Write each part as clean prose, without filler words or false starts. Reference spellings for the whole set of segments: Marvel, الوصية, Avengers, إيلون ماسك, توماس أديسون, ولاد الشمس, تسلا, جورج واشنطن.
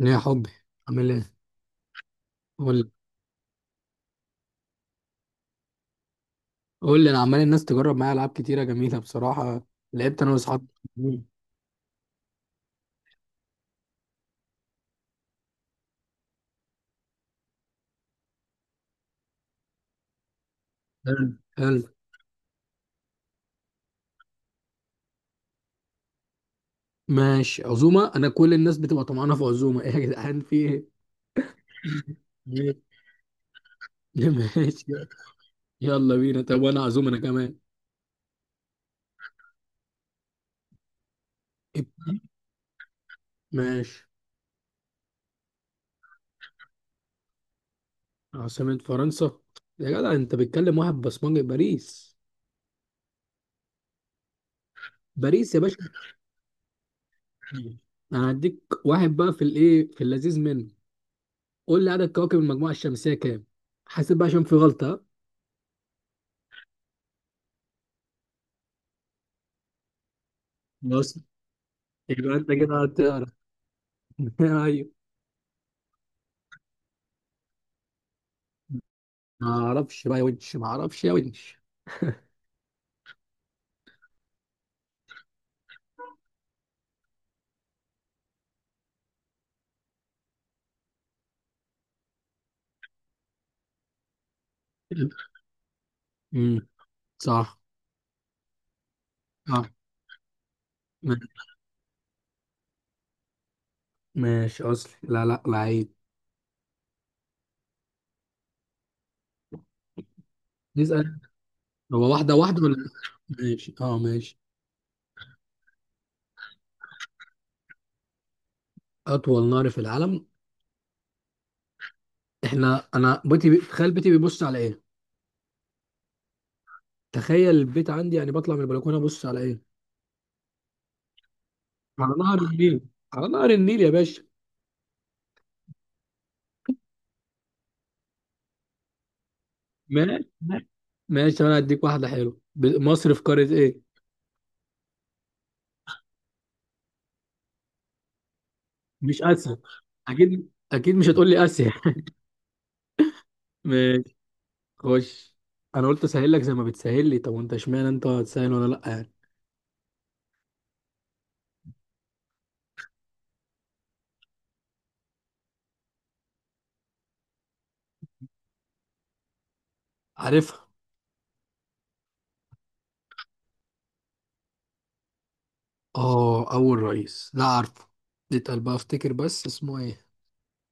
يا حبي، عامل ايه؟ قول لي قول لي. انا عمال الناس تجرب معايا العاب كتيره جميله بصراحه. لعبت انا واصحابي. حلو. حلو. ماشي، عزومه. انا كل الناس بتبقى طمعانه في عزومه. ايه يا جدعان، في ايه؟ ماشي. ماشي، يلا بينا. طب وانا عزومه انا كمان. ابتدي. ماشي. عاصمه فرنسا؟ يا جدع انت بتكلم واحد بصمجي. باريس. باريس يا باشا. انا هديك واحد بقى في الايه، في اللذيذ منه. قول لي عدد كواكب المجموعه الشمسيه كام. حاسب بقى عشان في غلطه. بص، يبقى انت كده هتعرف. ايوه. ما اعرفش بقى يا ونش، ما اعرفش يا ونش. امم صح. صح. ما- ماشي، اصلي. لا لا لعيب. نسأل. هو واحدة واحدة ولا؟ ماشي، اه ماشي. اطول نهر في العالم. احنا انا تخيل بيتي بيبص على ايه. تخيل البيت عندي، يعني بطلع من البلكونه ابص على ايه. على نهر النيل. على نهر النيل يا باشا. ماشي. ماشي، انا هديك واحده حلوه. مصر في قاره ايه؟ مش اسيا؟ اكيد اكيد مش هتقول لي اسيا. ماشي. خش. انا قلت اسهل لك زي ما بتسهل لي. طب وانت اشمعنى انت هتسهل وانا لا يعني؟ عارفها. اه اول رئيس، لا عارفه. اتقل بقى افتكر بس اسمه ايه.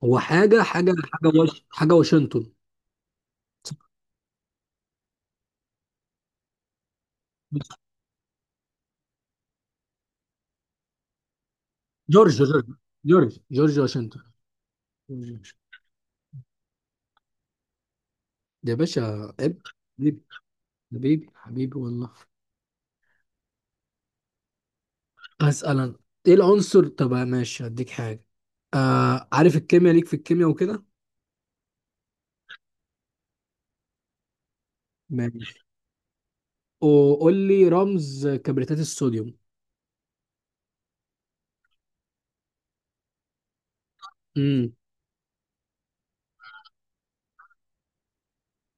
هو حاجه واشنطن. جورج. جورج واشنطن. جورج واشنطن. ده يا باشا ابن. حبيبي. حبيبي، حبيبي والله. اسال انا. ايه العنصر؟ طب ماشي هديك حاجه. آه، عارف الكيمياء؟ ليك في الكيمياء وكده. ماشي، وقول لي رمز كبريتات الصوديوم. امم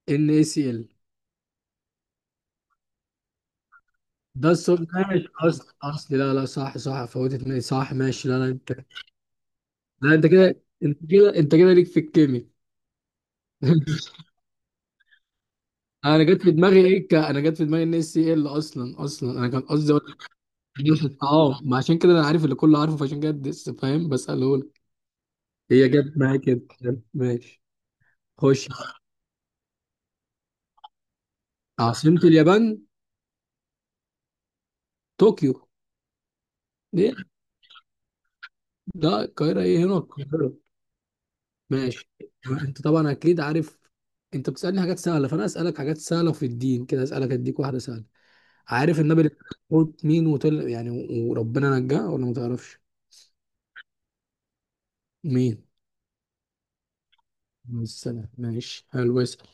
ان اي سي ال. ده الصوت، ماشي. اصل لا لا، صح صح، فوتت مني، صح ماشي. لا لا انت، لا انت كده، انت كده ليك في الكيمياء. انا جت في دماغي ايه، انا جت في دماغي ان اس سي ال اصلا. اصلا انا كان قصدي أقول. اه، ما عشان كده انا عارف اللي كله عارفه، فعشان كده فاهم بساله لك. هي جت معايا كده. ماشي. خش. عاصمة اليابان. طوكيو. ليه؟ لا القاهرة، ايه هنا القاهرة. ماشي. انت طبعا اكيد عارف. انت بتسألني حاجات سهلة، فانا اسألك حاجات سهلة في الدين كده. اسألك اديك واحدة سهلة. عارف النبي اللي قلت مين وطلع يعني وربنا نجاه، ولا ما تعرفش؟ مين؟ السنة، ماشي حلو، اسأل.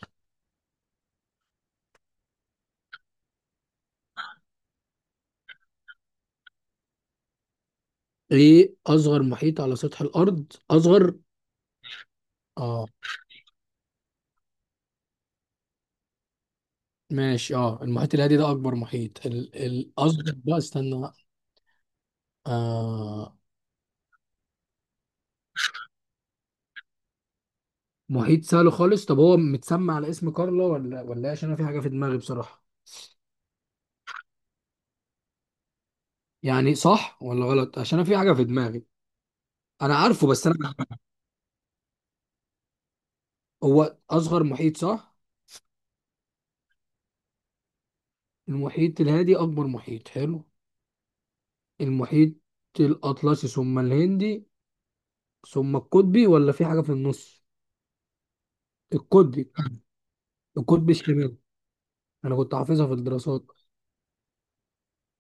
ايه اصغر محيط على سطح الارض؟ اصغر؟ اه. ماشي، اه، المحيط الهادي ده اكبر محيط، الاصغر بقى استنى بقى. آه. محيط سهل خالص. طب هو متسمى على اسم كارلا ولا ولا إيه؟ عشان انا في حاجة في دماغي بصراحة. يعني صح ولا غلط؟ عشان انا في حاجة في دماغي. انا عارفه بس انا. هو اصغر محيط، صح؟ المحيط الهادي اكبر محيط، حلو. المحيط الأطلسي، ثم الهندي، ثم القطبي ولا في حاجة في النص؟ القطبي. القطبي الشمالي. أنا كنت حافظها في الدراسات.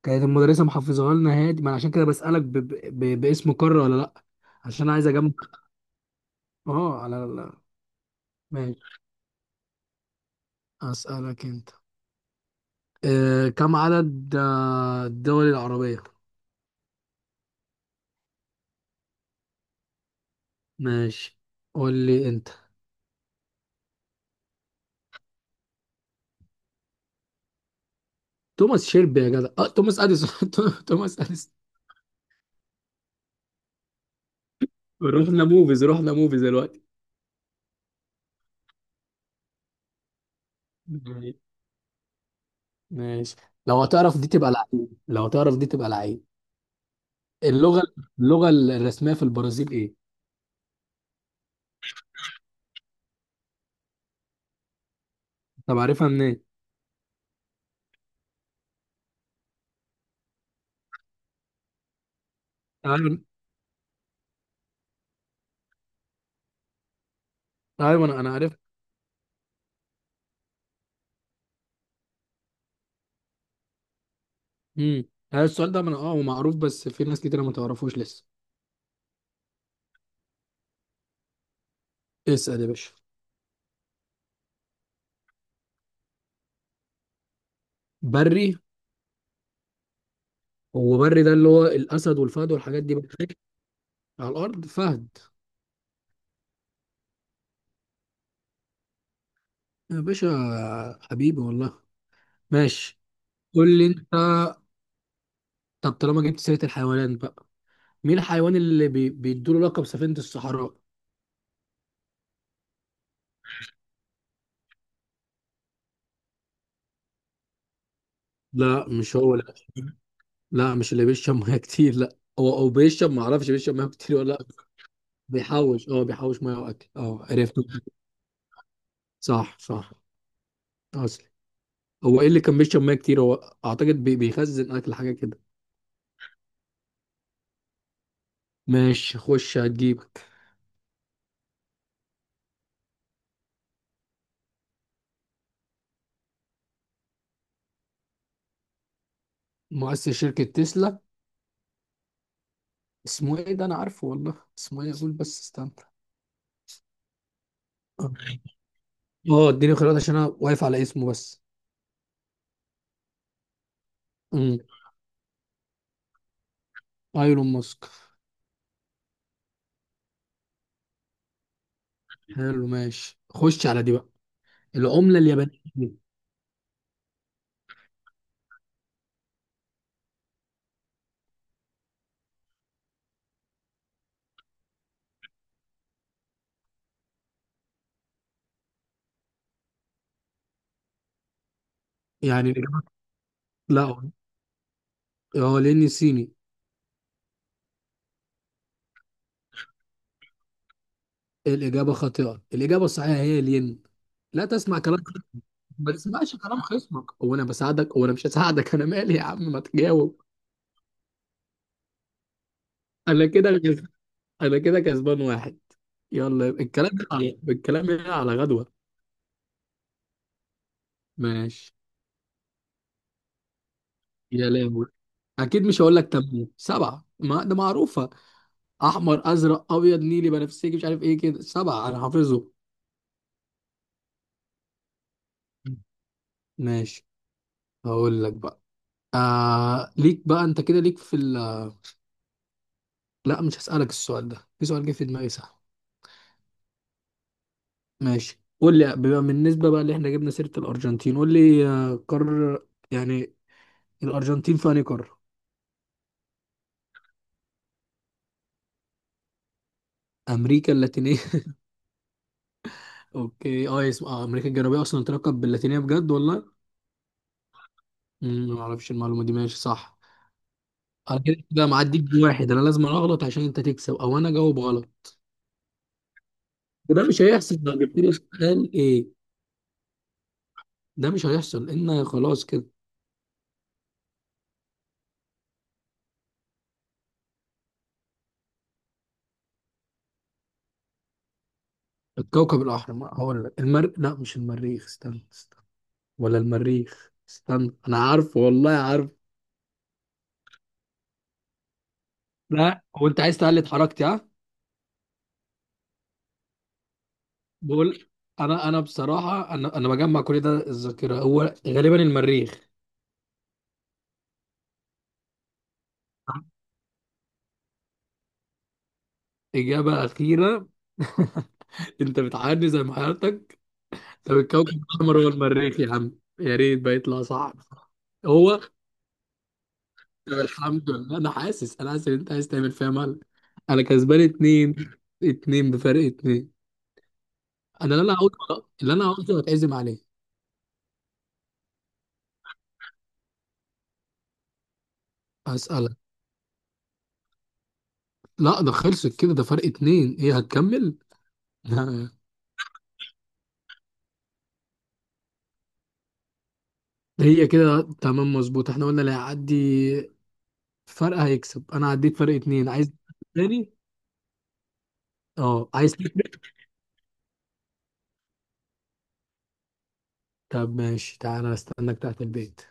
كانت المدرسة محافظاها لنا هادي. ما أنا عشان كده بسألك باسم قارة ولا لأ، عشان عايز أجمع. أه على لا. ماشي. أسألك أنت. آه، كم عدد الدول العربية؟ ماشي. قول لي أنت. توماس شيلبي يا جدع. أه توماس أديسون. توماس أديسون. رحنا موفيز، رحنا موفيز. دلوقتي. ماشي. لو هتعرف دي تبقى لعيب، لو هتعرف دي تبقى لعيب. اللغة، اللغة الرسمية في البرازيل ايه؟ طب عارفها منين؟ ايوه. ايوه انا عارف. امم هذا السؤال ده انا اه، هو معروف بس في ناس كتير ما تعرفوش لسه. اسأل يا باشا. بري؟ هو بري ده اللي هو الاسد والفهد والحاجات دي بتعيش على الارض. فهد. يا باشا حبيبي والله. ماشي. قول لي انت. طب طالما جبت سيرة الحيوانات بقى، مين الحيوان اللي بيدوله لقب سفينة الصحراء؟ لا مش هو. لا مش اللي بيشرب ميه كتير، لا. هو او بيشرب، ما اعرفش بيشرب ميه كتير ولا لا. بيحوش، اه بيحوش ميه واكل، اه عرفت. صح صح. اصلي، هو ايه اللي كان بيشرب ميه كتير هو؟ اعتقد بيخزن اكل حاجه كده. ماشي، خش هتجيبك. مؤسس شركه تسلا؟ اسمه ايه، ده انا عارفه والله، اسمه ايه، اقول بس استنى. اه. آه، اديني خيارات عشان انا واقف على اسمه بس. امم ايلون ماسك. حلو. ماشي، خش على دي بقى. العمله اليابانيه. يعني الإجابة. لا، اه، لاني صيني. الإجابة خاطئة، الإجابة الصحيحة هي الين. لا تسمع كلام خصمك. ما تسمعش كلام خصمك، هو أنا بساعدك؟ هو أنا مش هساعدك، أنا مالي يا عم، ما تجاوب. أنا كده كس- أنا كده كسبان واحد. يلا الكلام هنا، على الكلام هنا على غدوة. ماشي. يا لهوي. أكيد مش هقول لك، تمام 7، ما ده معروفة. أحمر أزرق أبيض نيلي بنفسجي مش عارف إيه كده 7، أنا حافظه. ماشي. هقول لك بقى. آه ليك بقى، أنت كده ليك في. لا مش هسألك السؤال ده، في سؤال جه في دماغي، صح. ماشي، قول لي بما بالنسبة بقى اللي احنا جبنا سيرة الأرجنتين، قول لي آه، قارة يعني الأرجنتين في أنهي قارة؟ أمريكا اللاتينية. أوكي. أه اسم آه، أمريكا الجنوبية أصلا تلقب باللاتينية بجد والله؟ أمم، ما أعرفش المعلومة دي. ماشي صح. أنا كده كده معديك بواحد، أنا لازم أغلط عشان أنت تكسب، أو أنا أجاوب غلط. وده مش هيحصل. لو جبت لي سؤال إيه؟ ده مش هيحصل لأن خلاص كده. الكوكب الأحمر، هقول لك المر، لا مش المريخ، استنى استنى. ولا المريخ، استنى انا عارفه والله عارف. لا هو انت عايز تقلد حركتي ها. بقول، انا بصراحه، انا بجمع كل ده الذاكره، هو غالبا المريخ. اجابه اخيره. انت بتعاني زي ما حياتك. طب الكوكب الاحمر هو المريخ يا عم، يا ريت بقى يطلع صح. هو. طب الحمد لله. انا حاسس ان انت عايز تعمل فيها مال. انا كسبان اتنين. اتنين، بفرق اتنين. انا اللي انا قلته، اللي انا قلته هتعزم عليه. هسألك. لا ده خلصت كده، ده فرق اتنين، هي هتكمل. هي كده تمام مظبوط، احنا قلنا اللي هيعدي فرق هيكسب، انا عديت فرق اتنين، عايز تاني؟ اه عايز تاني؟ طب ماشي، تعالى استناك تحت البيت.